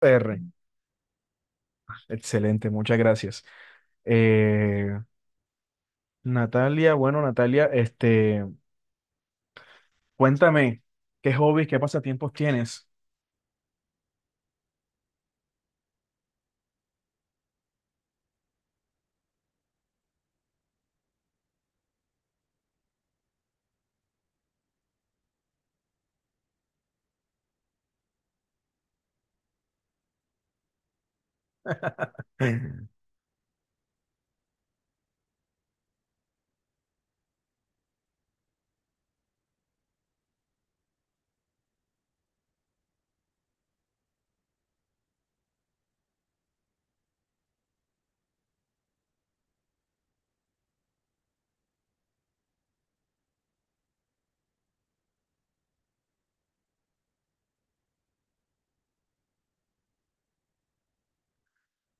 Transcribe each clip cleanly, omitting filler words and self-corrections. R. Excelente, muchas gracias. Eh, Natalia, bueno, Natalia, cuéntame, ¿qué hobbies, qué pasatiempos tienes?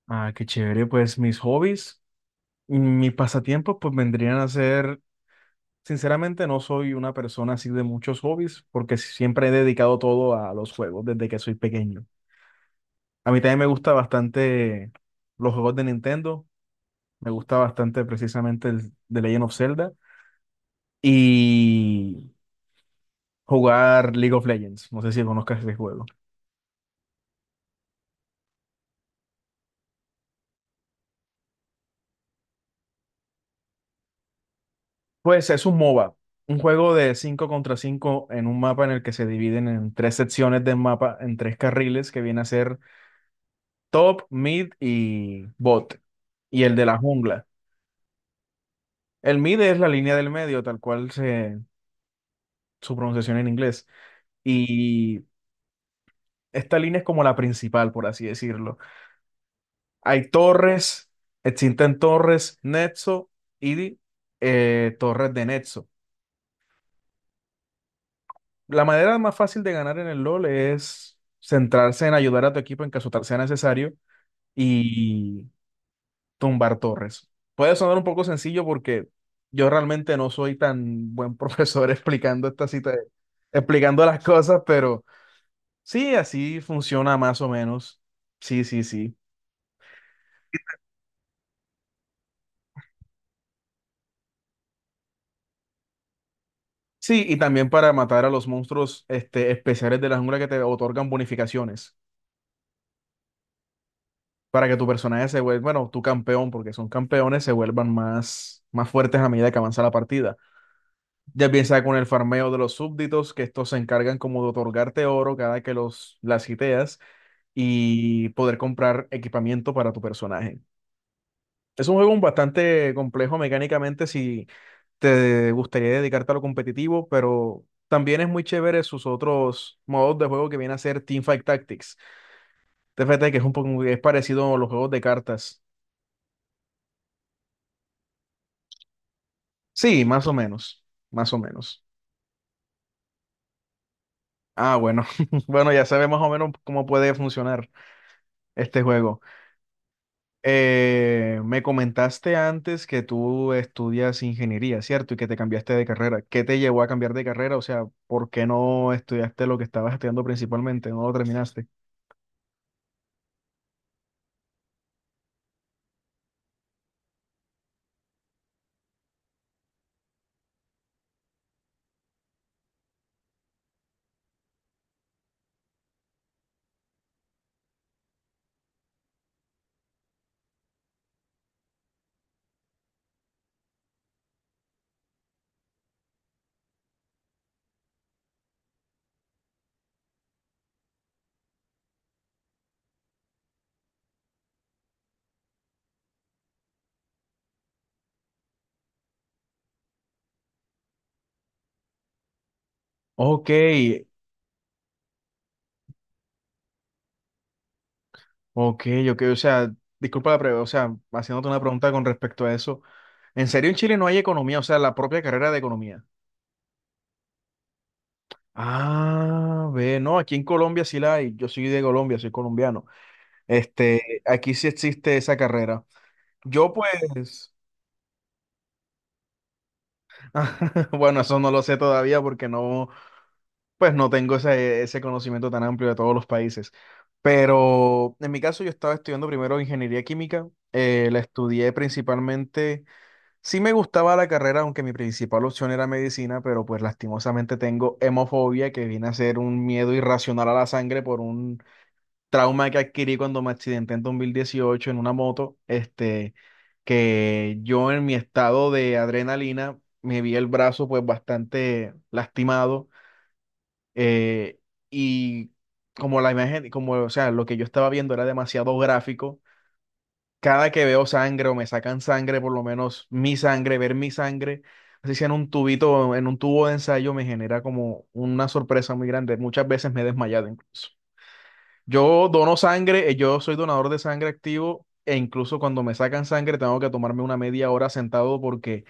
Ah, qué chévere, pues mis hobbies, mis pasatiempos, pues vendrían a ser, sinceramente no soy una persona así de muchos hobbies, porque siempre he dedicado todo a los juegos desde que soy pequeño. A mí también me gusta bastante los juegos de Nintendo, me gusta bastante precisamente el The Legend of Zelda y jugar League of Legends. No sé si conozcas ese juego. Pues es un MOBA, un juego de 5 contra 5 en un mapa en el que se dividen en tres secciones del mapa, en tres carriles que viene a ser top, mid y bot. Y el de la jungla. El mid es la línea del medio, su pronunciación en inglés. Y esta línea es como la principal, por así decirlo. Hay torres, existen torres, Netso y torres de Netso. La manera más fácil de ganar en el LOL es centrarse en ayudar a tu equipo en caso tal sea necesario y tumbar torres. Puede sonar un poco sencillo porque yo realmente no soy tan buen profesor explicando las cosas, pero sí, así funciona más o menos. Sí, sí, sí. Sí, y también para matar a los monstruos especiales de la jungla que te otorgan bonificaciones. Para que tu personaje se vuelva, bueno, tu campeón, porque son campeones, se vuelvan más fuertes a medida que avanza la partida. Ya piensa con el farmeo de los súbditos, que estos se encargan como de otorgarte oro cada que los las hiteas y poder comprar equipamiento para tu personaje. Es un juego bastante complejo mecánicamente si te gustaría dedicarte a lo competitivo, pero también es muy chévere sus otros modos de juego que viene a ser Teamfight Tactics. TFT, que es un poco es parecido a los juegos de cartas. Sí, más o menos, más o menos. Ah, bueno, bueno, ya sabes más o menos cómo puede funcionar este juego. Me comentaste antes que tú estudias ingeniería, ¿cierto? Y que te cambiaste de carrera. ¿Qué te llevó a cambiar de carrera? O sea, ¿por qué no estudiaste lo que estabas estudiando principalmente? ¿No lo terminaste? Ok, ok, ok. O sea, disculpa la pregunta, o sea, haciéndote una pregunta con respecto a eso. ¿En serio en Chile no hay economía? O sea, la propia carrera de economía. Ah, ve, no, aquí en Colombia sí la hay. Yo soy de Colombia, soy colombiano. Aquí sí existe esa carrera. Yo pues, bueno, eso no lo sé todavía porque no, pues no tengo ese, ese conocimiento tan amplio de todos los países. Pero en mi caso yo estaba estudiando primero ingeniería química. La estudié principalmente, sí me gustaba la carrera, aunque mi principal opción era medicina, pero pues lastimosamente tengo hemofobia, que viene a ser un miedo irracional a la sangre por un trauma que adquirí cuando me accidenté en 2018 en una moto, que yo en mi estado de adrenalina me vi el brazo pues bastante lastimado eh, y como la imagen, como, o sea, lo que yo estaba viendo era demasiado gráfico, cada que veo sangre o me sacan sangre, por lo menos mi sangre, ver mi sangre, así sea en un tubito, en un tubo de ensayo, me genera como una sorpresa muy grande. Muchas veces me he desmayado incluso. Yo dono sangre, yo soy donador de sangre activo e incluso cuando me sacan sangre tengo que tomarme una media hora sentado porque,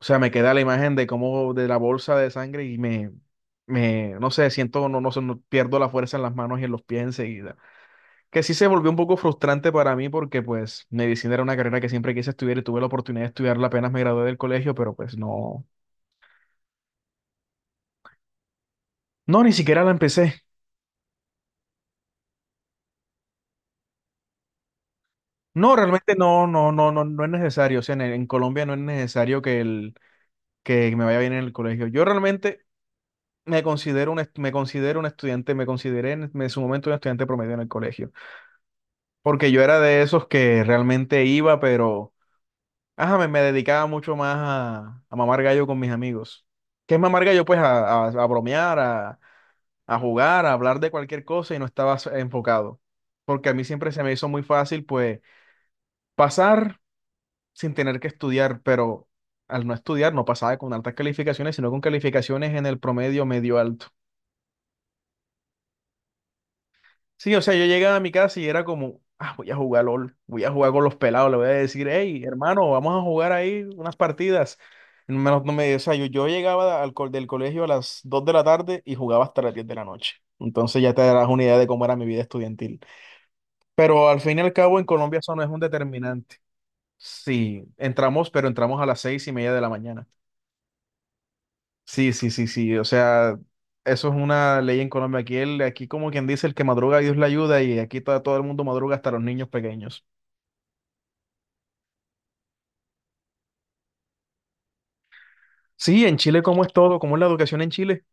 o sea, me queda la imagen de cómo de la bolsa de sangre y no sé, siento, no, no sé, pierdo la fuerza en las manos y en los pies enseguida. Que sí se volvió un poco frustrante para mí porque pues medicina era una carrera que siempre quise estudiar y tuve la oportunidad de estudiarla apenas me gradué del colegio, pero pues no, no, ni siquiera la empecé. No, realmente no, no, no, no, no es necesario. O sea, en Colombia no es necesario que el que me vaya bien en el colegio. Yo realmente me considero me considero un estudiante, me consideré en su momento un estudiante promedio en el colegio, porque yo era de esos que realmente iba, pero ajá, me dedicaba mucho más a- a mamar gallo con mis amigos. ¿Qué es mamar gallo? Pues a bromear, a jugar, a hablar de cualquier cosa y no estaba enfocado, porque a mí siempre se me hizo muy fácil, pues, pasar sin tener que estudiar, pero... Al no estudiar no pasaba con altas calificaciones, sino con calificaciones en el promedio medio alto. Sí, o sea, yo llegaba a mi casa y era como, ah, voy a jugar LOL, voy a jugar con los pelados, le voy a decir, hey, hermano, vamos a jugar ahí unas partidas. No me, no me- o sea, yo llegaba del colegio a las 2 de la tarde y jugaba hasta las 10 de la noche. Entonces ya te darás una idea de cómo era mi vida estudiantil. Pero al fin y al cabo en Colombia eso no es un determinante. Sí, entramos, pero entramos a las seis y media de la mañana. Sí, sí, sí, sí. O sea, eso es una ley en Colombia. Aquí, aquí como quien dice, el que madruga, Dios le ayuda, y aquí todo el mundo madruga hasta los niños pequeños. Sí, en Chile, ¿cómo es todo? ¿Cómo es la educación en Chile?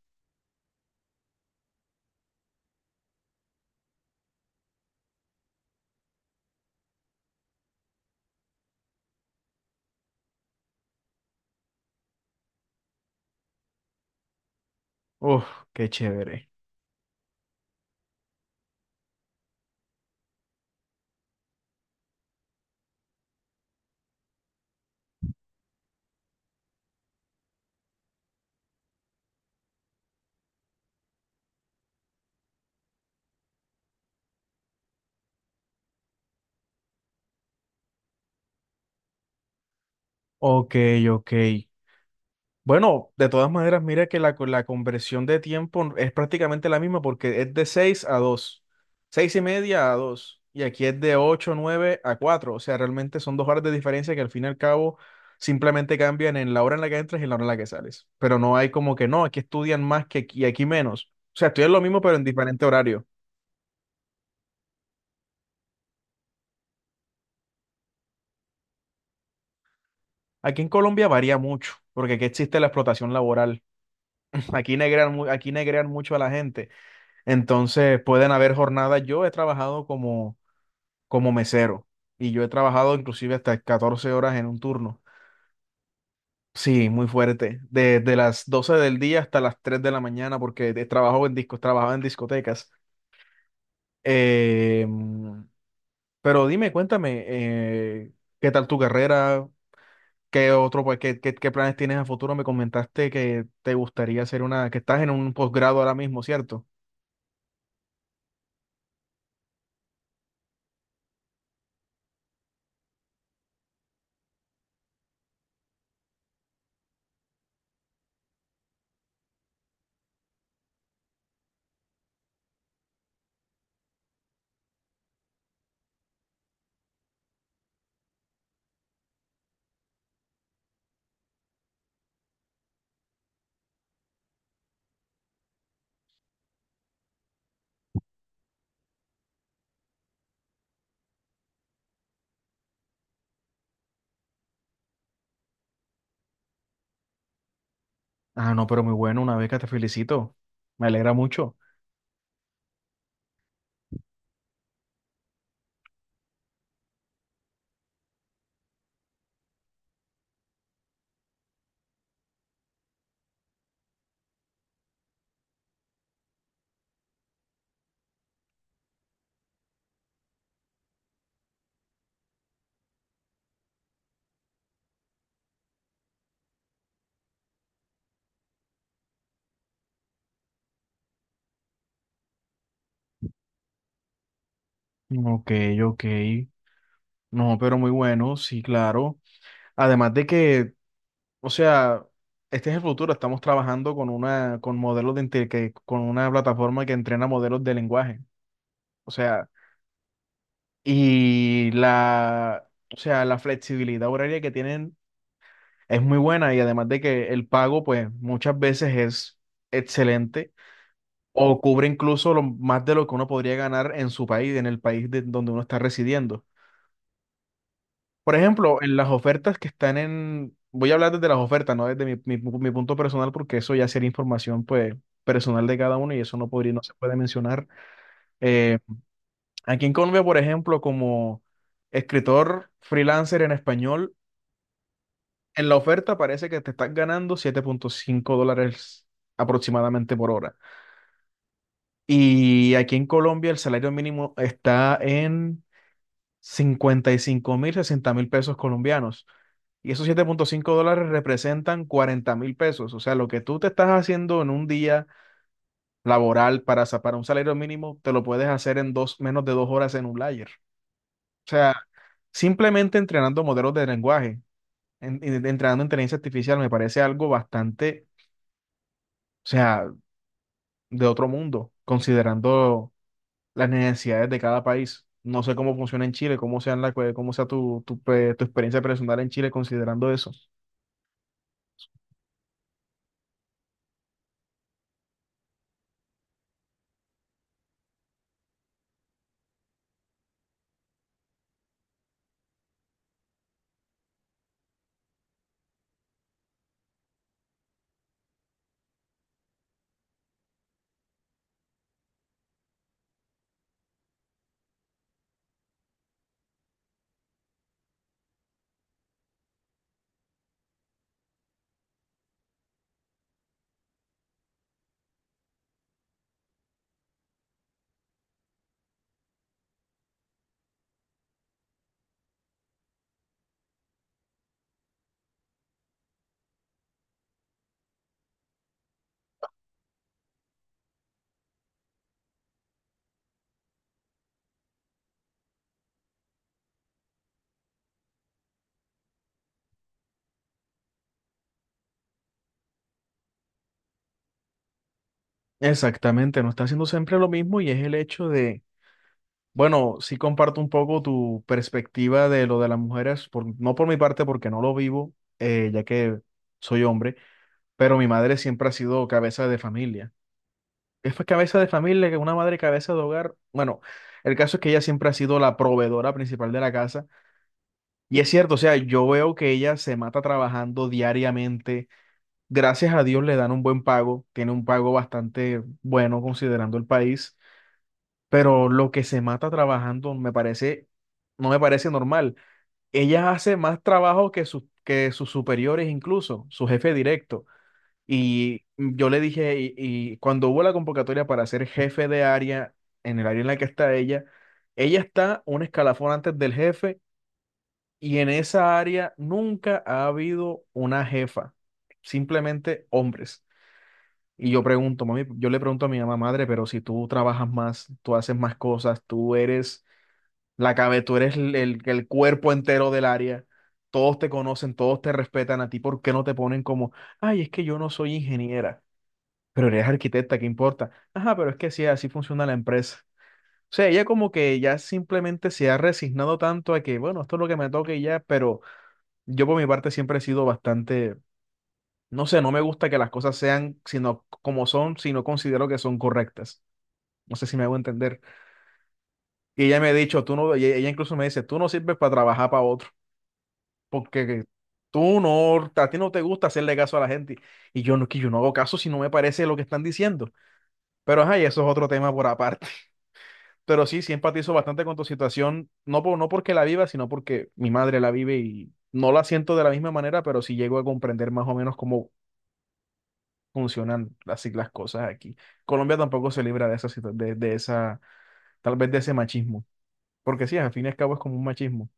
Uf, qué chévere. Ok, ok. Bueno, de todas maneras, mira que la conversión de tiempo es prácticamente la misma porque es de 6 a dos, seis y media a dos, y aquí es de 8 9 a cuatro, o sea, realmente son 2 horas de diferencia que al fin y al cabo simplemente cambian en la hora en la que entras y en la hora en la que sales, pero no hay como que no, aquí estudian más que aquí y aquí menos, o sea, estudian lo mismo pero en diferente horario. Aquí en Colombia varía mucho, porque aquí existe la explotación laboral, aquí negrean, aquí negrean mucho a la gente, entonces pueden haber jornadas, yo he trabajado como mesero. Y yo he trabajado inclusive hasta 14 horas en un turno. Sí, muy fuerte. Desde las 12 del día hasta las 3 de la mañana, porque he trabajado en discos, trabajaba en discotecas. Eh, pero dime, cuéntame, ¿qué tal tu carrera? ¿Qué otro, pues, qué planes tienes a futuro? Me comentaste que te gustaría hacer una, que estás en un posgrado ahora mismo, ¿cierto? Ah, no, pero muy bueno, una beca, te felicito. Me alegra mucho. Ok, ok. No, pero muy bueno, sí, claro. Además de que, o sea, este es el futuro. Estamos trabajando con una, con modelos de con una plataforma que entrena modelos de lenguaje. O sea, y la, o sea, la flexibilidad horaria que tienen es muy buena y además de que el pago, pues, muchas veces es excelente o cubre incluso más de lo que uno podría ganar en su país, en el país de, donde uno está residiendo. Por ejemplo, en las ofertas que están en... Voy a hablar desde las ofertas, no desde mi punto personal, porque eso ya sería información pues, personal de cada uno y eso no podría, no se puede mencionar. Eh, aquí en Colombia, por ejemplo, como escritor freelancer en español, en la oferta parece que te estás ganando 7,5 dólares aproximadamente por hora. Y aquí en Colombia el salario mínimo está en 55.000, 60.000 pesos colombianos. Y esos 7,5 dólares representan 40.000 pesos. O sea, lo que tú te estás haciendo en un día laboral para, para un salario mínimo, te lo puedes hacer en dos, menos de 2 horas en un layer. O sea, simplemente entrenando modelos de lenguaje, entrenando inteligencia artificial, me parece algo bastante, o sea, de otro mundo, considerando las necesidades de cada país. No sé cómo funciona en Chile, cómo sea, cómo sea tu experiencia personal en Chile considerando eso. Exactamente, no está haciendo siempre lo mismo y es el hecho de, bueno, sí comparto un poco tu perspectiva de lo de las mujeres, por, no por mi parte porque no lo vivo, ya que soy hombre, pero mi madre siempre ha sido cabeza de familia. Es pues cabeza de familia, que una madre cabeza de hogar. Bueno, el caso es que ella siempre ha sido la proveedora principal de la casa. Y es cierto, o sea, yo veo que ella se mata trabajando diariamente. Gracias a Dios le dan un buen pago, tiene un pago bastante bueno considerando el país, pero lo que se mata trabajando me parece, no me parece normal. Ella hace más trabajo que que sus superiores incluso, su jefe directo. Y yo le dije, y cuando hubo la convocatoria para ser jefe de área en el área en la que está ella, ella está un escalafón antes del jefe, y en esa área nunca ha habido una jefa, simplemente hombres. Y yo pregunto, mami, yo le pregunto a mi mamá, madre, pero si tú trabajas más, tú haces más cosas, tú eres la cabeza, tú eres el cuerpo entero del área, todos te conocen, todos te respetan a ti, ¿por qué no te ponen como, ay, es que yo no soy ingeniera? Pero eres arquitecta, ¿qué importa? Ajá, pero es que sí, así funciona la empresa. O sea, ella como que ya simplemente se ha resignado tanto a que, bueno, esto es lo que me toca y ya. Pero yo por mi parte siempre he sido bastante, no sé, no me gusta que las cosas sean sino como son, sino considero que son correctas. No sé si me hago entender. Y ella me ha dicho, tú no, y ella incluso me dice, tú no sirves para trabajar para otro, porque tú no, a ti no te gusta hacerle caso a la gente. Y yo no, que yo no hago caso si no me parece lo que están diciendo. Pero ajá, y eso es otro tema por aparte. Pero sí, sí empatizo bastante con tu situación, no por, no porque la viva, sino porque mi madre la vive y no la siento de la misma manera, pero sí llego a comprender más o menos cómo funcionan así las cosas aquí. Colombia tampoco se libra de esa, de esa, tal vez de ese machismo, porque sí, al fin y al cabo es como un machismo.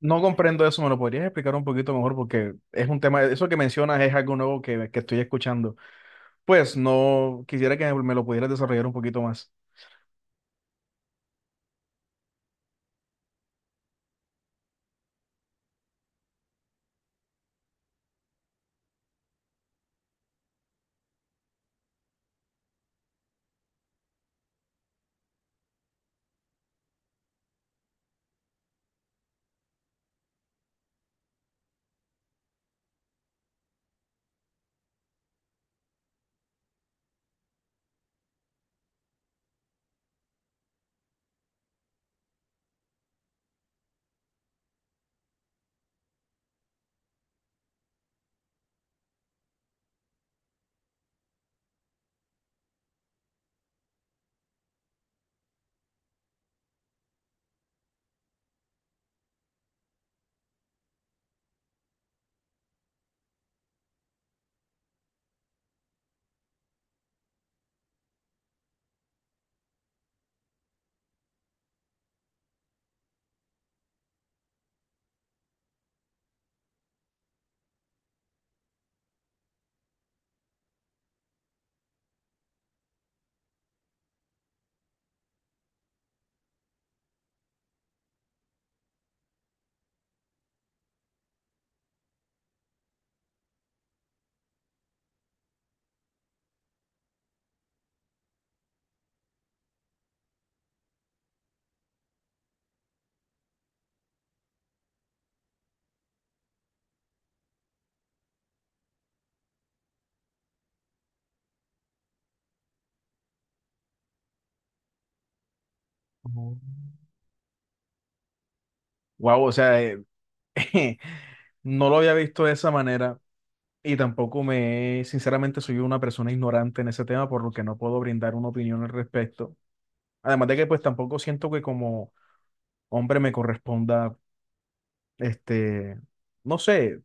No comprendo eso, ¿me lo podrías explicar un poquito mejor? Porque es un tema, eso que mencionas es algo nuevo que estoy escuchando. Pues no, quisiera que me lo pudieras desarrollar un poquito más. Oh. Wow, o sea, no lo había visto de esa manera y tampoco me, sinceramente, soy una persona ignorante en ese tema, por lo que no puedo brindar una opinión al respecto. Además de que pues tampoco siento que como hombre me corresponda, este, no sé,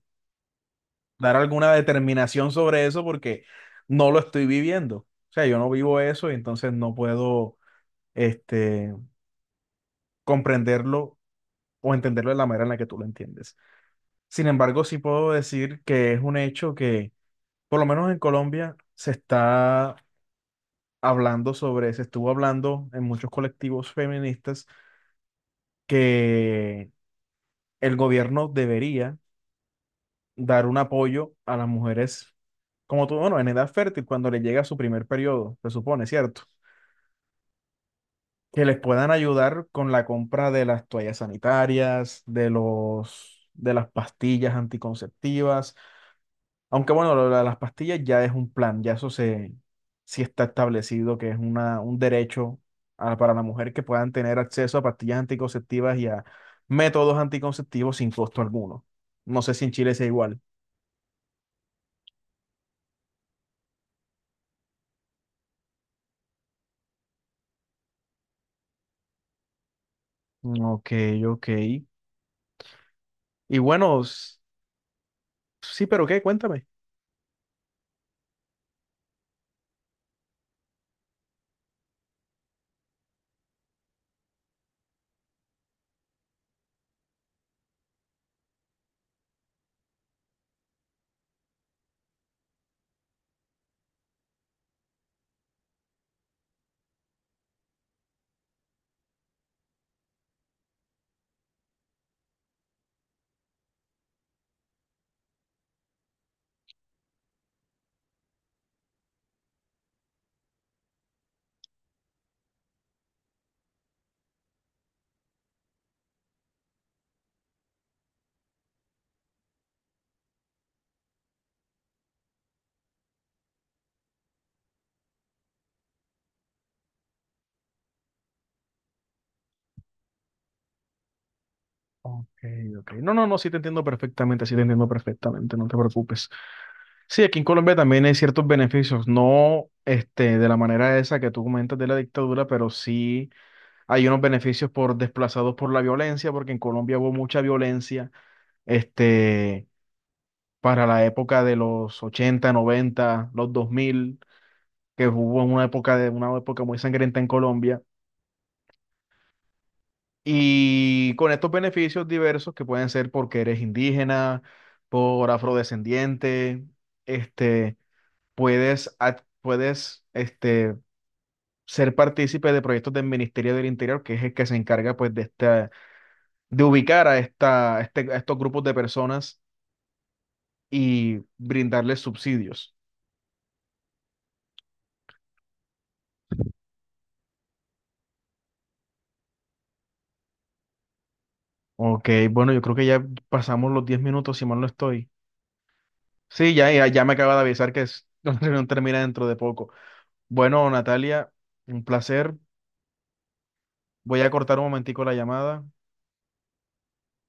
dar alguna determinación sobre eso porque no lo estoy viviendo. O sea, yo no vivo eso y entonces no puedo, este, comprenderlo o entenderlo de la manera en la que tú lo entiendes. Sin embargo, sí puedo decir que es un hecho que, por lo menos en Colombia, se está hablando sobre, se estuvo hablando en muchos colectivos feministas que el gobierno debería dar un apoyo a las mujeres, como tú, bueno, en edad fértil, cuando les llega su primer periodo, se supone, ¿cierto? Que les puedan ayudar con la compra de las toallas sanitarias, de las pastillas anticonceptivas. Aunque bueno, lo de las pastillas ya es un plan, ya eso se, sí está establecido que es una, un derecho a- para la mujer, que puedan tener acceso a pastillas anticonceptivas y a métodos anticonceptivos sin costo alguno. No sé si en Chile sea igual. Ok, ok. Y bueno, s- sí, pero ¿qué? Cuéntame. Ok, ok. No, no, no, sí te entiendo perfectamente, sí te entiendo perfectamente, no te preocupes. Sí, aquí en Colombia también hay ciertos beneficios, no este, de la manera esa que tú comentas de la dictadura, pero sí hay unos beneficios por desplazados por la violencia, porque en Colombia hubo mucha violencia, este, para la época de los 80, 90, los 2000, que hubo una época, de, una época muy sangrienta en Colombia. Y con estos beneficios diversos que pueden ser porque eres indígena, por afrodescendiente, este, puedes, ad- puedes este, ser partícipe de proyectos del Ministerio del Interior, que es el que se encarga pues, de, esta, de ubicar a, esta, a estos grupos de personas y brindarles subsidios. Ok, bueno, yo creo que ya pasamos los 10 minutos, si mal no estoy. Sí, ya me acaba de avisar que es, la reunión termina dentro de poco. Bueno, Natalia, un placer. Voy a cortar un momentico la llamada.